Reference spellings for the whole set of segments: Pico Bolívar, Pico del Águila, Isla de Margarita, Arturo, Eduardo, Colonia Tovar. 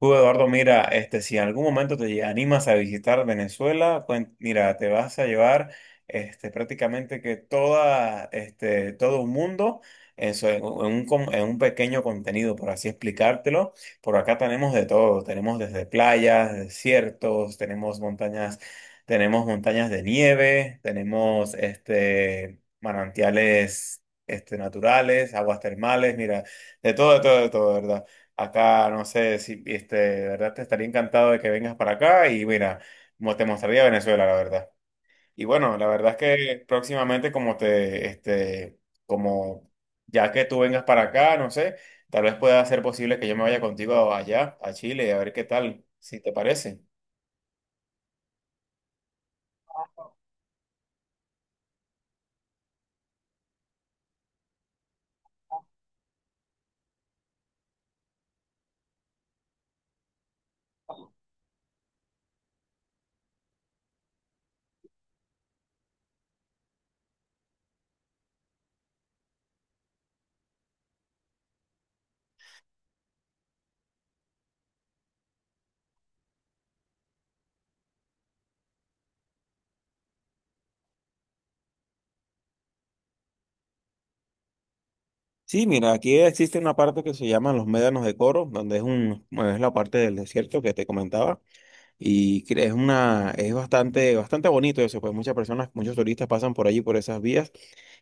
Eduardo, mira, este, si en algún momento animas a visitar Venezuela, mira, te vas a llevar este, prácticamente que toda, este, todo un mundo en un, en un pequeño contenido, por así explicártelo. Por acá tenemos de todo, tenemos desde playas, desiertos, tenemos montañas de nieve, tenemos este, manantiales este, naturales, aguas termales, mira, de todo, de todo, de todo, ¿verdad? Acá, no sé si, este, de verdad te estaría encantado de que vengas para acá y mira, te mostraría Venezuela, la verdad. Y bueno, la verdad es que próximamente como te, este, como ya que tú vengas para acá, no sé, tal vez pueda ser posible que yo me vaya contigo allá, a Chile, y a ver qué tal, si te parece. Sí, mira, aquí existe una parte que se llama los médanos de Coro, donde es un, es la parte del desierto que te comentaba. Es una, es bastante, bastante bonito eso, pues muchas personas, muchos turistas pasan por allí, por esas vías,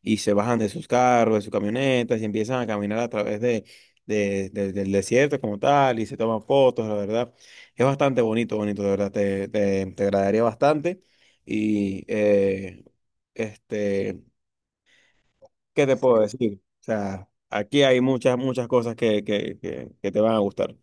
y se bajan de sus carros, de sus camionetas, y empiezan a caminar a través de, del desierto como tal, y se toman fotos, la verdad. Es bastante bonito, bonito, de verdad, te agradaría bastante. Y, este, ¿qué te puedo decir? O sea, aquí hay muchas, muchas cosas que, que te van a gustar.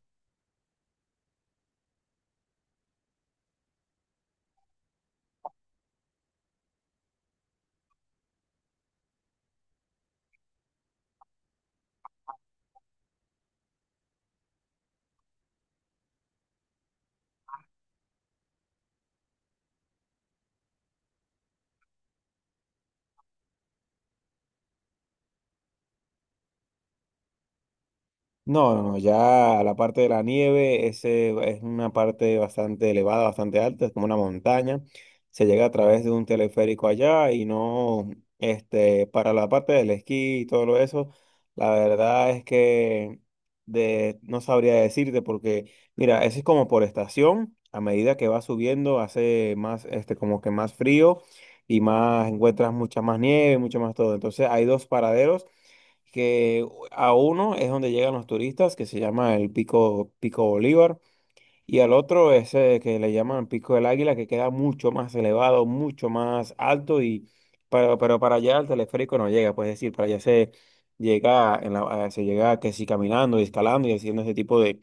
No, no, no, ya la parte de la nieve, ese es una parte bastante elevada, bastante alta, es como una montaña. Se llega a través de un teleférico allá y no, este, para la parte del esquí y todo lo eso, la verdad es que no sabría decirte porque, mira, eso es como por estación, a medida que va subiendo hace más, este, como que más frío y más, encuentras mucha más nieve, mucho más todo. Entonces hay dos paraderos que a uno es donde llegan los turistas, que se llama el Pico, Pico Bolívar. Y al otro, ese que le llaman Pico del Águila, que queda mucho más elevado, mucho más alto, y pero para allá el teleférico no llega, pues es decir, para allá se llega, se llega que sí caminando y escalando y haciendo ese tipo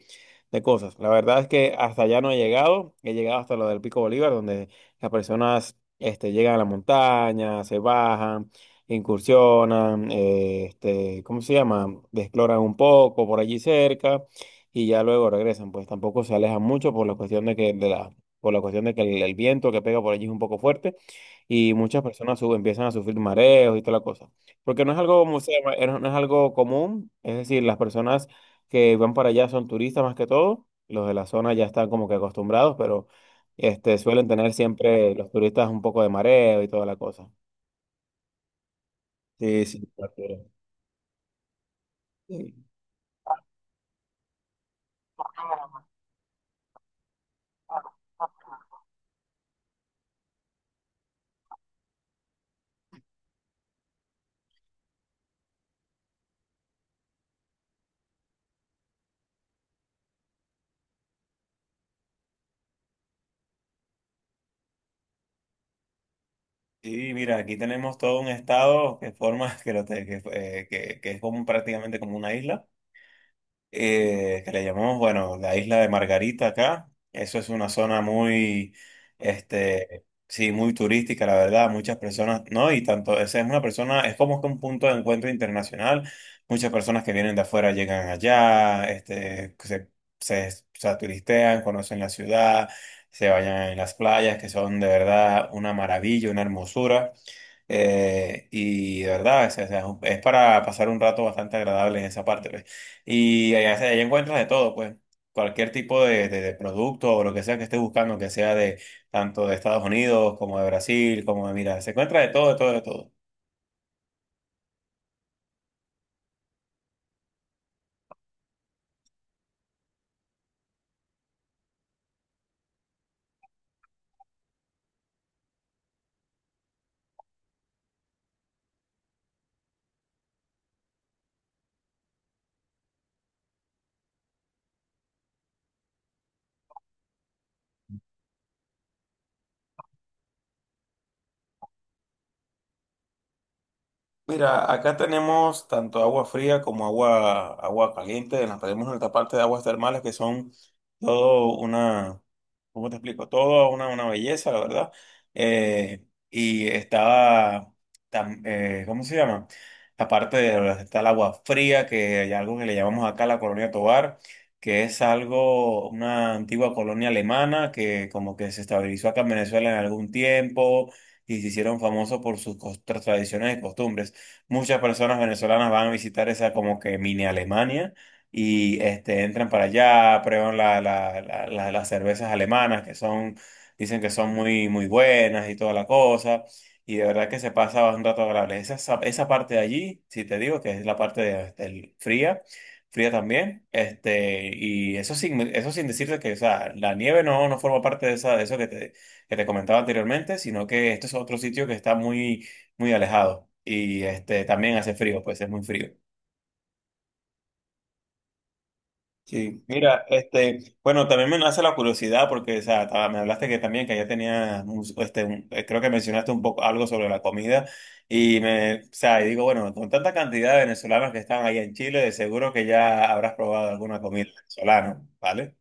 de cosas. La verdad es que hasta allá no he llegado, he llegado hasta lo del Pico Bolívar, donde las personas este, llegan a la montaña, se bajan, incursionan, este, ¿cómo se llama? Exploran un poco por allí cerca y ya luego regresan, pues tampoco se alejan mucho por la cuestión de que de la por la cuestión de que el viento que pega por allí es un poco fuerte y muchas personas empiezan a sufrir mareos y toda la cosa. Porque no es algo como se llama, no es algo común, es decir, las personas que van para allá son turistas más que todo, los de la zona ya están como que acostumbrados, pero este suelen tener siempre los turistas un poco de mareo y toda la cosa. Sí, sí, Arturo. Sí, mira, aquí tenemos todo un estado que forma, que, que, que es como prácticamente como una isla que le llamamos, bueno, la isla de Margarita acá. Eso es una zona muy, este, sí, muy turística, la verdad. Muchas personas, ¿no? Y tanto, esa es una persona, es como que un punto de encuentro internacional. Muchas personas que vienen de afuera llegan allá, este, o sea, turistean, conocen la ciudad, se bañan en las playas, que son de verdad una maravilla, una hermosura. Y de verdad, es para pasar un rato bastante agradable en esa parte. Y allá, allá encuentras de todo, pues. Cualquier tipo de, de producto o lo que sea que estés buscando, que sea de tanto de Estados Unidos como de Brasil, como de, mira, se encuentra de todo, de todo, de todo. Mira, acá tenemos tanto agua fría como agua caliente. Nos tenemos nuestra parte de aguas termales que son todo una. ¿Cómo te explico? Todo una belleza, la verdad. Y estaba, ¿cómo se llama? Aparte de donde está el agua fría, que hay algo que le llamamos acá la Colonia Tovar, que es algo, una antigua colonia alemana que como que se estabilizó acá en Venezuela en algún tiempo y se hicieron famosos por sus tradiciones y costumbres. Muchas personas venezolanas van a visitar esa como que mini Alemania y este, entran para allá, prueban las cervezas alemanas que son, dicen que son muy, muy buenas y toda la cosa. Y de verdad que se pasa un rato agradable. Esa esa parte de allí, si te digo que es la parte del fría, fría también. Este, y eso sin decirte que, o sea, la nieve no, no forma parte de, esa, de eso que te comentaba anteriormente, sino que este es otro sitio que está muy, muy alejado. Y este, también hace frío, pues es muy frío. Sí, mira, este, bueno, también me nace la curiosidad porque, o sea, me hablaste que también que ya tenía, este, creo que mencionaste un poco algo sobre la comida y me, o sea, y digo, bueno, con tanta cantidad de venezolanos que están ahí en Chile, de seguro que ya habrás probado alguna comida venezolana, ¿vale?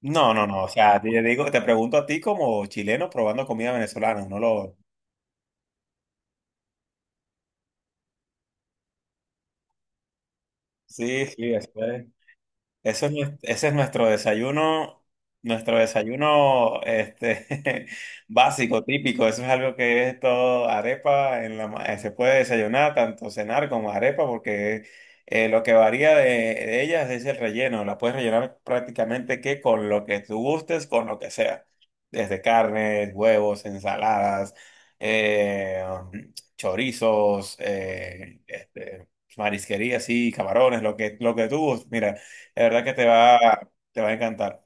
No, no, no, o sea, te digo, te pregunto a ti como chileno probando comida venezolana, no lo, sí, sí, eso es. Eso es, ese es nuestro desayuno este, básico, típico. Eso es algo que es todo arepa. Se puede desayunar, tanto cenar como arepa, porque lo que varía de ellas es el relleno. La puedes rellenar prácticamente que con lo que tú gustes, con lo que sea. Desde carnes, huevos, ensaladas, eh, chorizos, este, marisquería, sí, camarones, lo que tú gustes. Mira. La verdad que te va a encantar.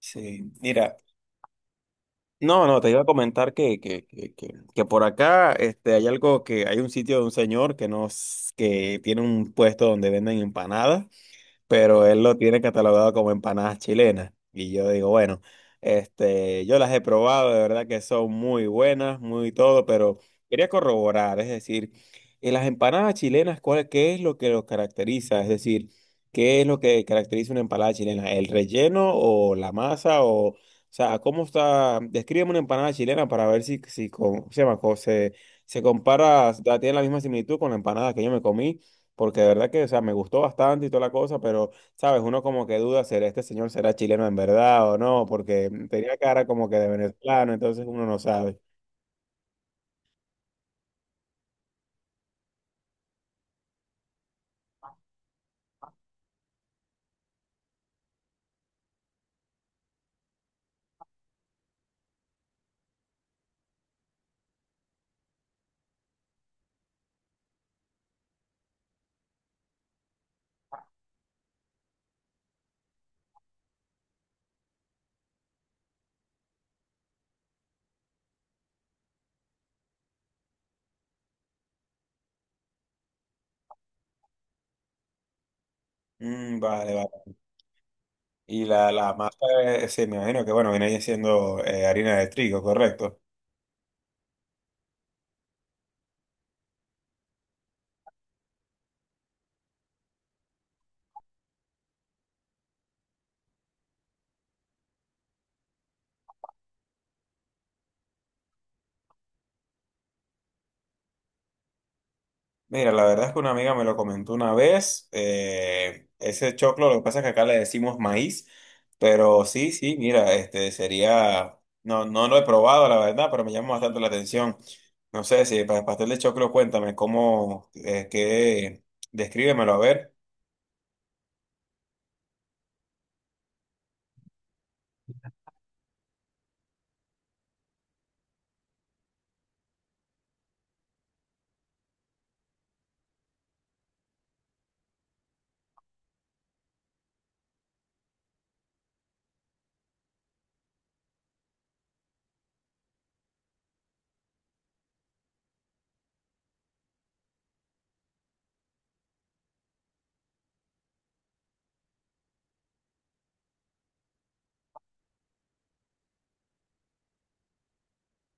Sí, mira. No, no, te iba a comentar que por acá este, hay algo que hay un sitio de un señor que tiene un puesto donde venden empanadas, pero él lo tiene catalogado como empanadas chilenas. Y yo digo, bueno, este, yo las he probado, de verdad que son muy buenas, muy todo, pero quería corroborar, es decir, en las empanadas chilenas, ¿cuál, qué es lo que los caracteriza? Es decir, ¿qué es lo que caracteriza una empanada chilena? ¿El relleno o la masa o sea, cómo está? Descríbeme una empanada chilena para ver si, si, se se compara, tiene la misma similitud con la empanada que yo me comí, porque de verdad que, o sea, me gustó bastante y toda la cosa, pero, ¿sabes? Uno como que duda, ¿será este señor será chileno en verdad o no? Porque tenía cara como que de venezolano, entonces uno no sabe. Mm, vale, vale. Y la masa, sí, me imagino que, bueno, viene ahí siendo harina de trigo, ¿correcto? Mira, la verdad es que una amiga me lo comentó una vez. Ese choclo, lo que pasa es que acá le decimos maíz, pero sí, sí, mira, este sería, no, no lo he probado, la verdad, pero me llama bastante la atención. No sé si para el pastel de choclo, cuéntame cómo, descríbemelo a ver.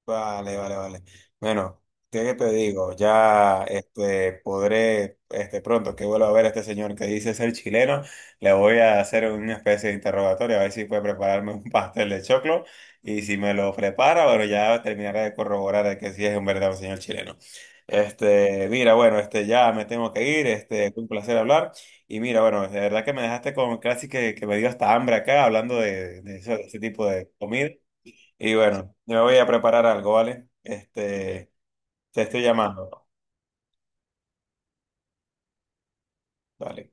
Vale, vale, vale. Bueno, ¿qué te digo? Ya este, podré, este, pronto que vuelva a ver a este señor que dice ser chileno, le voy a hacer una especie de interrogatorio a ver si puede prepararme un pastel de choclo, y si me lo prepara, bueno, ya terminaré de corroborar de que sí es un verdadero señor chileno. Este, mira, bueno, este, ya me tengo que ir, este, fue un placer hablar y mira, bueno, de verdad que me dejaste con casi que me dio hasta hambre acá hablando de, de ese tipo de comida. Y bueno, yo me voy a preparar algo, ¿vale? Este, te estoy llamando. Dale.